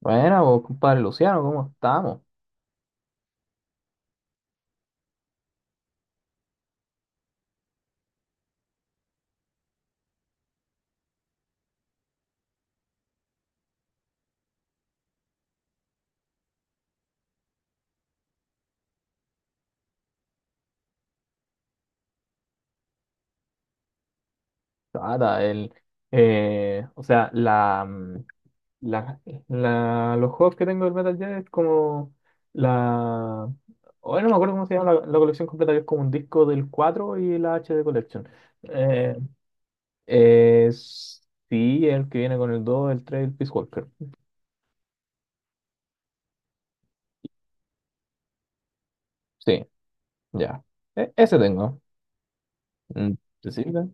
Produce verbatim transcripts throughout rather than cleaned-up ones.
Bueno, vos, compadre Luciano, ¿cómo estamos? Nada, el, eh, o sea, la, mm, la, la- los juegos que tengo del Metal Gear es como la... Hoy no me acuerdo cómo se llama la, la colección completa, que es como un disco del cuatro y la H D Collection. Eh, es, sí, el que viene con el dos, el tres, el Peace Walker. Sí, ya. E- ese tengo. Mm, ¿te sirve?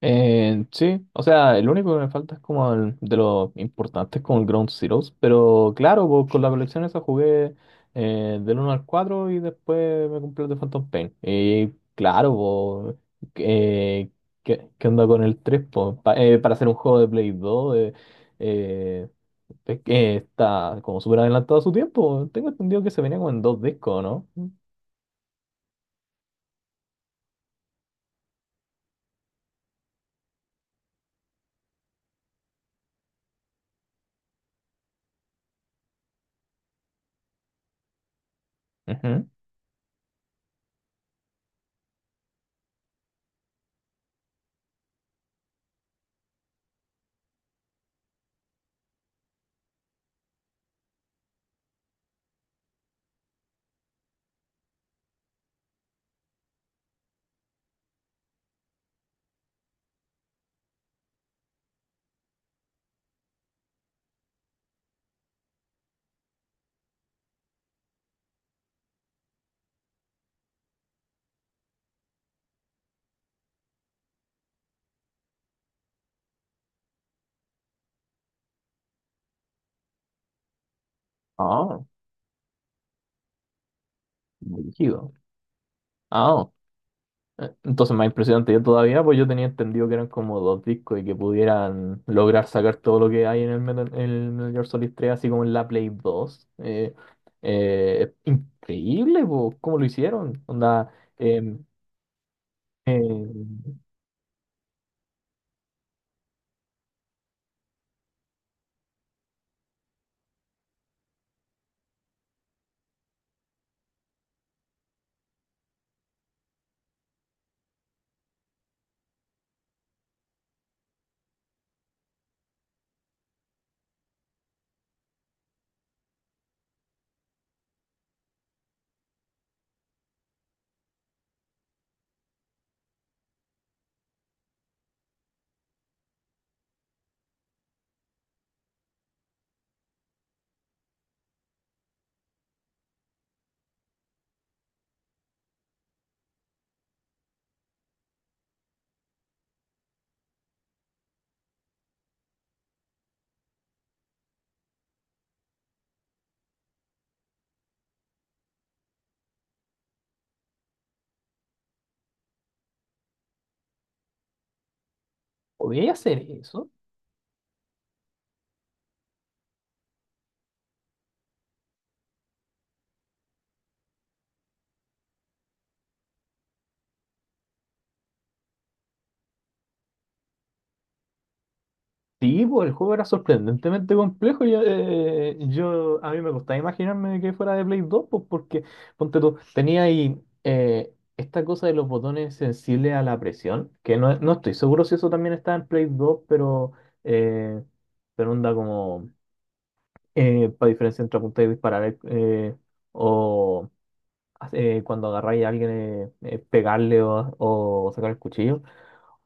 Eh, sí, o sea, el único que me falta es como el- de los importantes, como el Ground Zeroes, pero claro, pues, con la colección esa jugué eh, del uno al cuatro, y después me compré el de Phantom Pain. Y claro, pues, eh, ¿qué, qué onda con el tres? Pues, Pa- eh, para hacer un juego de Play dos eh, eh, es que está como súper adelantado a su tiempo. Tengo entendido que se venía como en dos discos, ¿no? Ujú. Ah, brígido. Eh, Entonces, más impresionante yo todavía, pues yo tenía entendido que eran como dos discos y que pudieran lograr sacar todo lo que hay en el Metal, en el Metal Gear Solid tres, así como en la Play dos. Eh, eh, es increíble, pues, cómo lo hicieron. Onda, eh, eh, ¿podía hacer eso? Sí, pues el juego era sorprendentemente complejo. Yo, eh, yo- a mí me costaba imaginarme que fuera de Play dos, pues porque, ponte tú, tenía ahí eh, esta cosa de los botones sensibles a la presión, que no, no estoy seguro si eso también está en Play dos, pero, eh, pero onda como para diferencia entre apuntar y disparar, eh, eh, o eh, cuando agarráis a alguien, eh, eh, pegarle o, o sacar el cuchillo.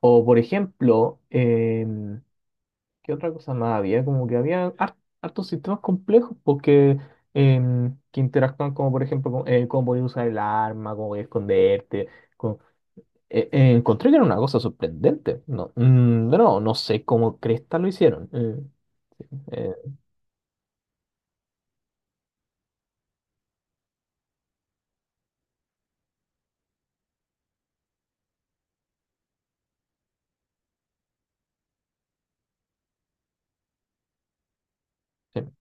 O por ejemplo, ¿qué otra cosa más había? Como que había har- hartos sistemas complejos porque em, que interactúan, como por ejemplo con, eh, cómo podías usar el arma, cómo podías esconderte. con- eh, eh, Encontré que era una cosa sorprendente. No, mm, de nuevo, no sé cómo cresta lo hicieron. Eh, eh, sí.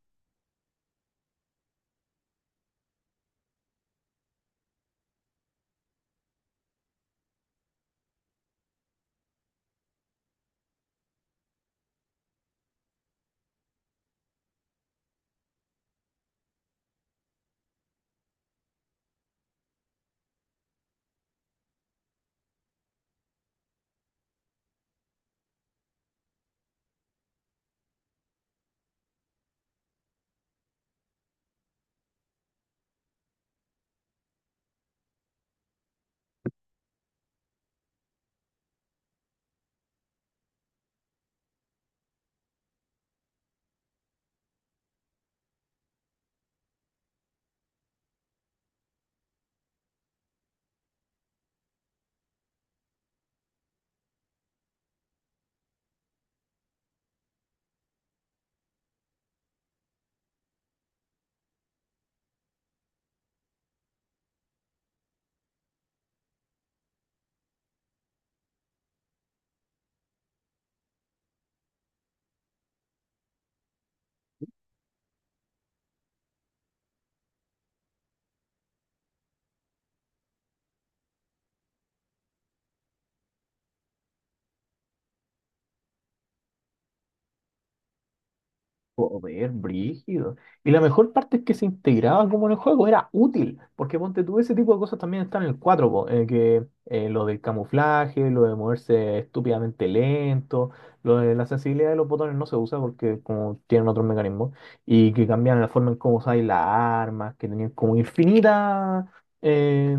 Joder, brígido. Y la mejor parte es que se integraba como en el juego, era útil, porque ponte tú, ese tipo de cosas también están en el cuatro, po, eh, que eh, lo del camuflaje, lo de moverse estúpidamente lento, lo de la sensibilidad de los botones no se usa porque como tienen otros mecanismos, y que cambian la forma en cómo usáis las armas, que tenían como infinita, eh,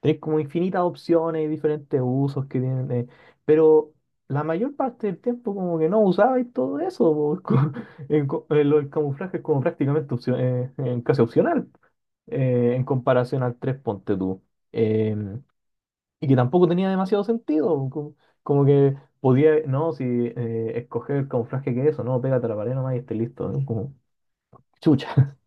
tenés como infinitas opciones y diferentes usos que tienen, eh, pero la mayor parte del tiempo como que no usabais todo eso, po, es co- en co- eh, lo del camuflaje es como prácticamente opcio- eh, eh, casi opcional eh, en comparación al tres, ponte tú. Em, y que tampoco tenía demasiado sentido, co- como, que podía, no, si eh, escoger el camuflaje, que es eso, no, pégate a la pared nomás y esté listo, ¿no? Como chucha.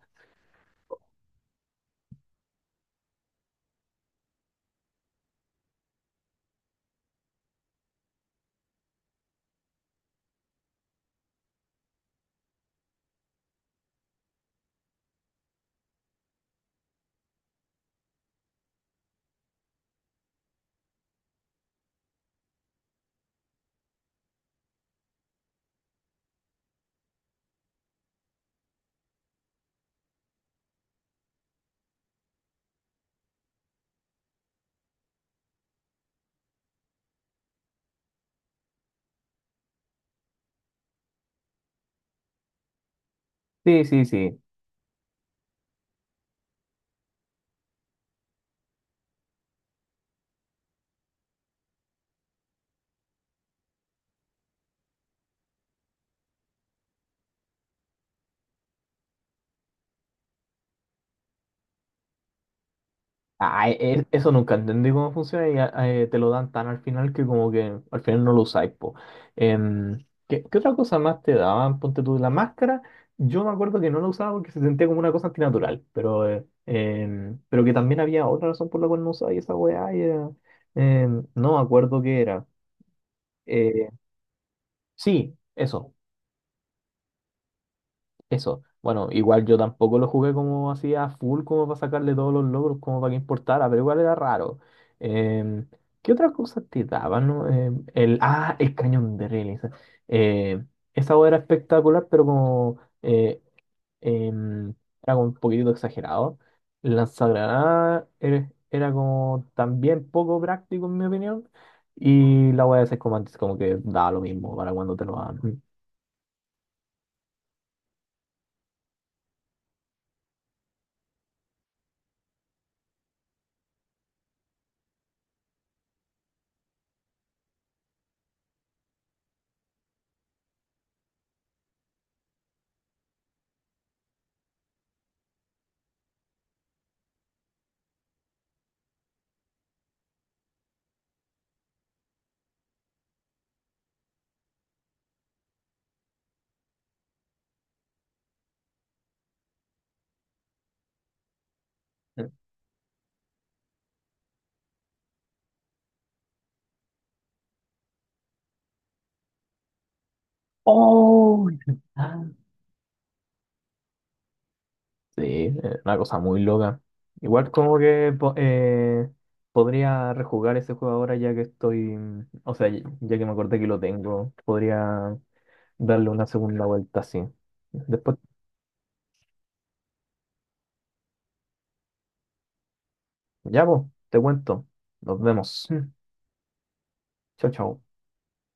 Sí, sí, sí. Ah, e- e- eso nunca entendí cómo funciona, y ah, eh, te lo dan tan al final que como que al final no lo usáis, po. Em, ¿qué, qué otra cosa más te daban? Ponte tú la máscara. Yo me acuerdo que no la usaba porque se sentía como una cosa antinatural, pero, eh, em, pero que también había otra razón por la cual no usaba y esa weá, y era- em, no me acuerdo qué era. Eh, sí, eso. Eso. Bueno, igual yo tampoco lo jugué como así a full, como para sacarle todos los logros, como para que importara, pero igual era raro. Em, ¿Qué otras cosas te daban, no? Em, el, ah, el cañón de Relis. Eh, Esa hueá era espectacular, pero como eh, em, era como un poquitito exagerado. El lanzagranada era, era como también poco práctico, en mi opinión. Y la hueá de seis comandos, como que da lo mismo para cuando te lo dan. ¡Oh! Sí, eh, una cosa muy loca. Igual como que po- eh, podría rejugar ese juego ahora ya que estoy, o sea, ya ya que me acordé que lo tengo, podría darle una segunda vuelta así. Después, ya vos, te cuento. Nos vemos. Mm. Chao, chao.